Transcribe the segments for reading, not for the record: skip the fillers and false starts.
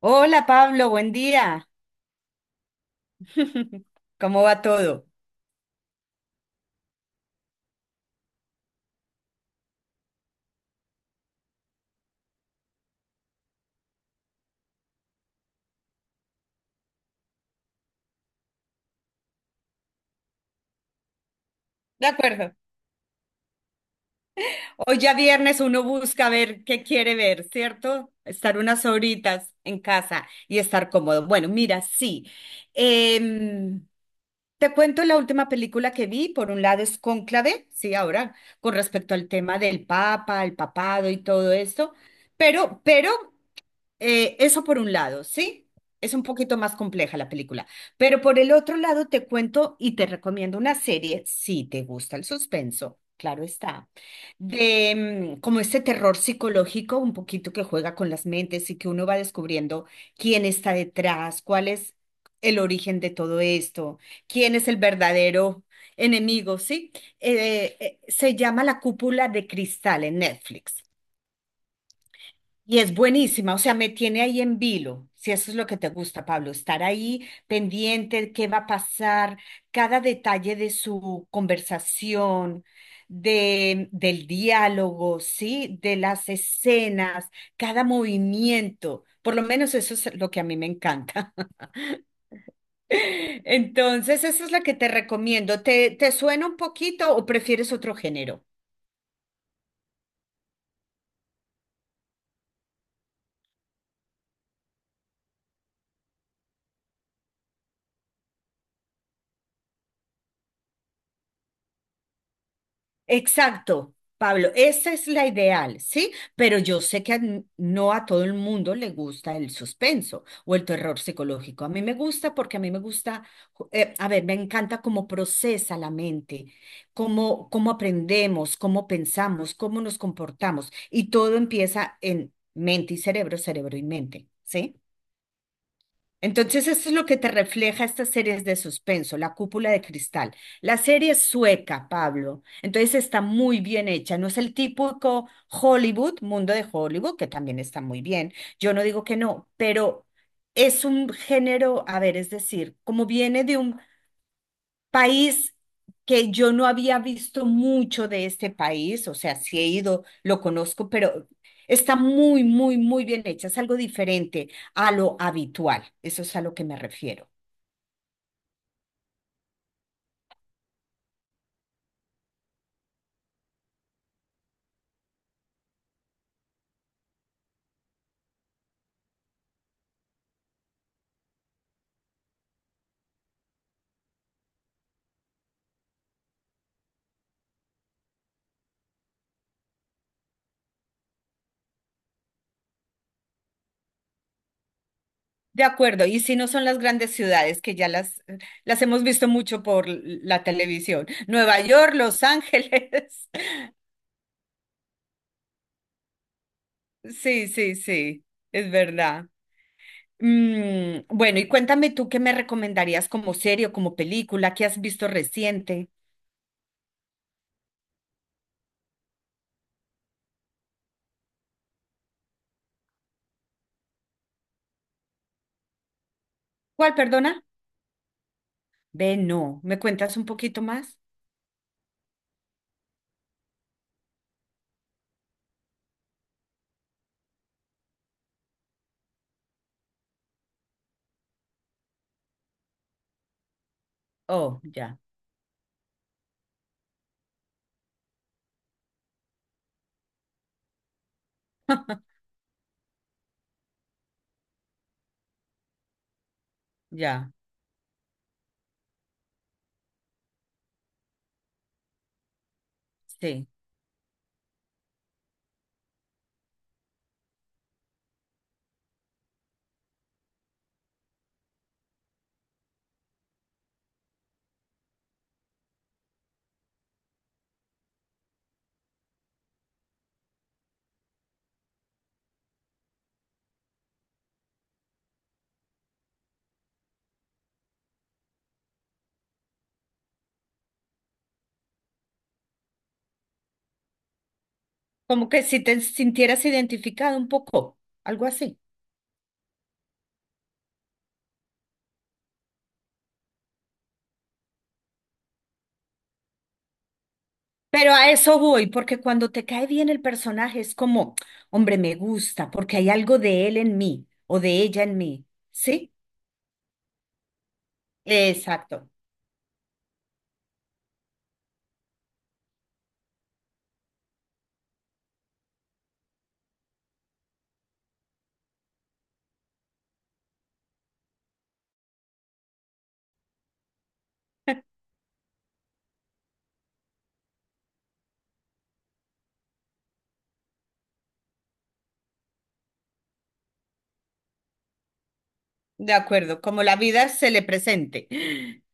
Hola Pablo, buen día. ¿Cómo va todo? De acuerdo. Hoy ya viernes uno busca ver qué quiere ver, ¿cierto? Estar unas horitas en casa y estar cómodo. Bueno, mira, sí. Em, Te cuento la última película que vi. Por un lado es Cónclave, sí, ahora, con respecto al tema del Papa, el papado y todo esto. Pero, eso por un lado, ¿sí? Es un poquito más compleja la película, pero por el otro lado te cuento y te recomiendo una serie, si te gusta el suspenso, claro está, de como este terror psicológico, un poquito que juega con las mentes y que uno va descubriendo quién está detrás, cuál es el origen de todo esto, quién es el verdadero enemigo, ¿sí? Se llama La Cúpula de Cristal en Netflix. Y es buenísima, o sea, me tiene ahí en vilo, si eso es lo que te gusta, Pablo, estar ahí pendiente, qué va a pasar, cada detalle de su conversación, de, del diálogo, ¿sí? De las escenas, cada movimiento, por lo menos eso es lo que a mí me encanta. Entonces, eso es lo que te recomiendo. ¿Te suena un poquito o prefieres otro género? Exacto, Pablo, esa es la ideal, ¿sí? Pero yo sé que no a todo el mundo le gusta el suspenso o el terror psicológico. A mí me gusta porque a mí me gusta, a ver, me encanta cómo procesa la mente, cómo, cómo aprendemos, cómo pensamos, cómo nos comportamos. Y todo empieza en mente y cerebro, cerebro y mente, ¿sí? Entonces, esto es lo que te refleja estas series de suspenso, La Cúpula de Cristal. La serie es sueca, Pablo. Entonces, está muy bien hecha. No es el típico Hollywood, mundo de Hollywood, que también está muy bien. Yo no digo que no, pero es un género, a ver, es decir, como viene de un País que yo no había visto mucho de este país, o sea, sí he ido, lo conozco, pero está muy, muy, muy bien hecha, es algo diferente a lo habitual, eso es a lo que me refiero. De acuerdo, y si no son las grandes ciudades que ya las hemos visto mucho por la televisión, Nueva York, Los Ángeles. Sí, sí, sí, es verdad. Bueno, y cuéntame tú qué me recomendarías como serie o como película que has visto reciente. ¿Cuál, perdona? Ve, no. ¿Me cuentas un poquito más? Oh, ya, ya, sí. Como que si te sintieras identificado un poco, algo así. Pero a eso voy, porque cuando te cae bien el personaje es como, hombre, me gusta, porque hay algo de él en mí o de ella en mí. ¿Sí? Exacto. De acuerdo, como la vida se le presente.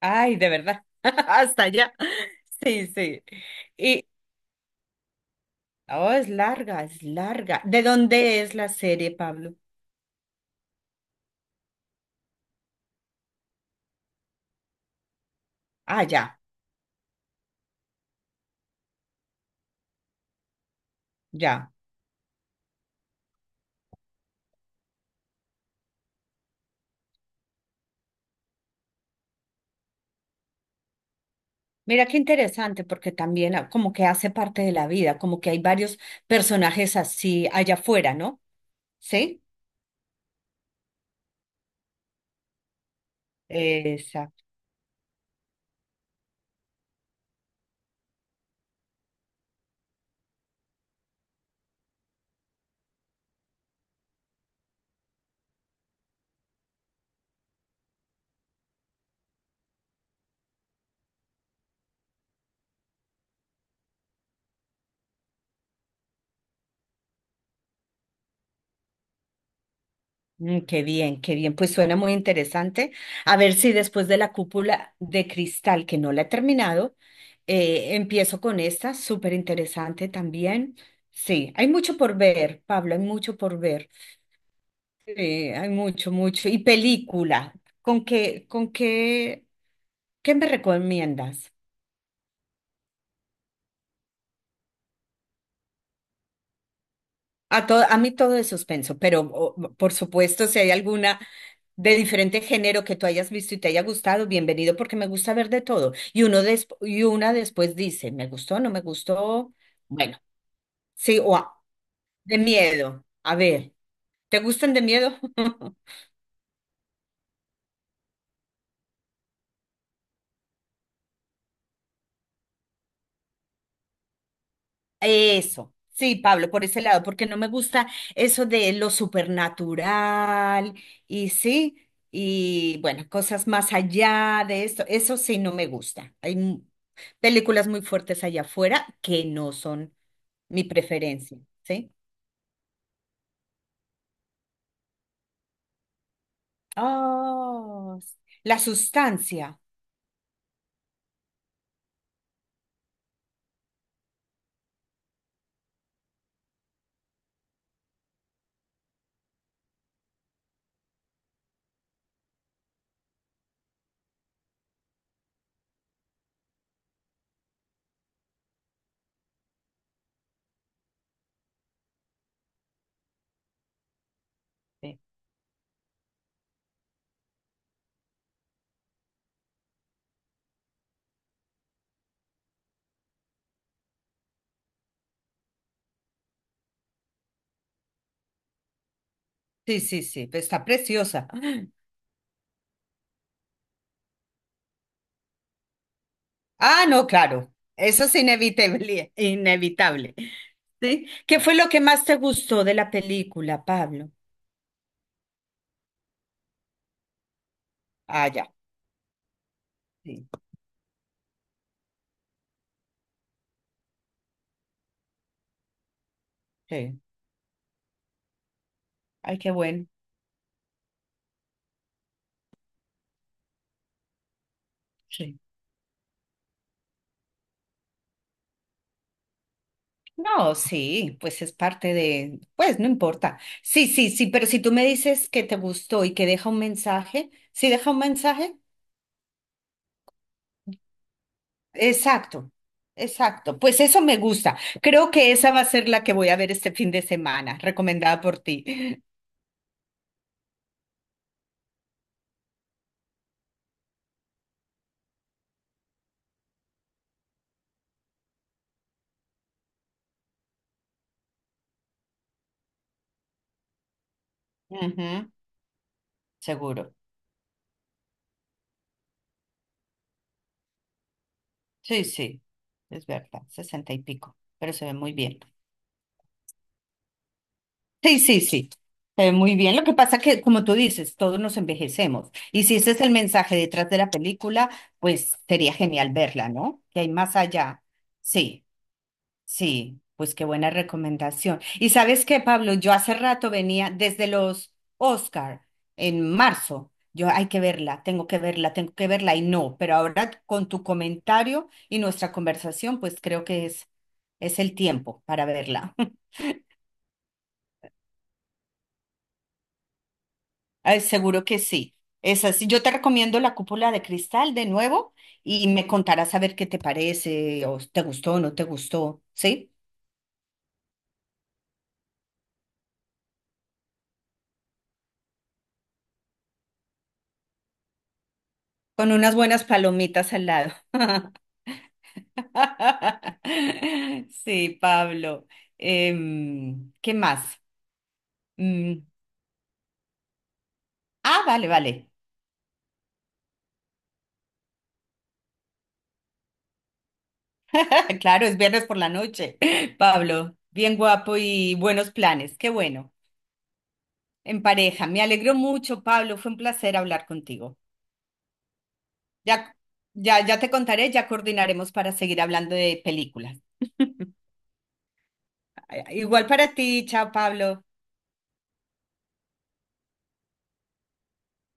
Ay, de verdad. Hasta allá. Sí, sí. Y, oh, es larga, es larga. ¿De dónde es la serie, Pablo? Ah, ya. Ya. Mira qué interesante, porque también ah, como que hace parte de la vida, como que hay varios personajes así allá afuera, ¿no? ¿Sí? Exacto. Qué bien, qué bien. Pues suena muy interesante. A ver si después de la cúpula de cristal, que no la he terminado, empiezo con esta, súper interesante también. Sí, hay mucho por ver, Pablo, hay mucho por ver. Sí, hay mucho, mucho. Y película, ¿con qué, con qué, qué me recomiendas? A, a mí todo es suspenso, pero por supuesto, si hay alguna de diferente género que tú hayas visto y te haya gustado, bienvenido, porque me gusta ver de todo. Y y una después dice, ¿me gustó? ¿No me gustó? Bueno, sí, o de miedo. A ver, ¿te gustan de miedo? Eso, sí, Pablo, por ese lado, porque no me gusta eso de lo supernatural y sí, y bueno, cosas más allá de esto, eso sí no me gusta. Películas muy fuertes allá afuera que no son mi preferencia, ¿sí? Oh, la sustancia. Sí. Sí, sí, sí, pero está preciosa. Ah, no, claro, eso es inevitable, inevitable. ¿Sí? ¿Qué fue lo que más te gustó de la película, Pablo? Ah, ya. Sí, sí. Ay, qué bueno. Sí. No, sí, pues es parte de, pues no importa. Sí, sí, sí, pero si tú me dices que te gustó y que deja un mensaje, ¿sí deja un mensaje? Exacto, exacto. Pues eso me gusta. Creo que esa va a ser la que voy a ver este fin de semana, recomendada por ti. Ujú, seguro. Sí, sí, es verdad, sesenta y pico, pero se ve muy bien. Sí, sí, sí, se ve muy bien. Lo que pasa que, como tú dices, todos nos envejecemos. Y si ese es el mensaje detrás de la película, pues sería genial verla, ¿no? Que hay más allá. Sí. Sí, pues qué buena recomendación. Y sabes qué, Pablo, yo hace rato venía desde los Oscar en marzo. Yo hay que verla, tengo que verla, tengo que verla y no, pero ahora con tu comentario y nuestra conversación, pues creo que es el tiempo para verla. Ay, seguro que sí. Es así. Yo te recomiendo La Cúpula de Cristal de nuevo y me contarás a ver qué te parece, o te gustó o no te gustó, ¿sí? Con unas buenas palomitas al lado. Sí, Pablo. ¿Qué más? Mm, ah, vale, vale. Claro, es viernes por la noche. Pablo, bien guapo y buenos planes. Qué bueno. En pareja. Me alegro mucho, Pablo. Fue un placer hablar contigo. Ya, ya, ya te contaré, ya coordinaremos para seguir hablando de películas. Igual para ti. Chao, Pablo.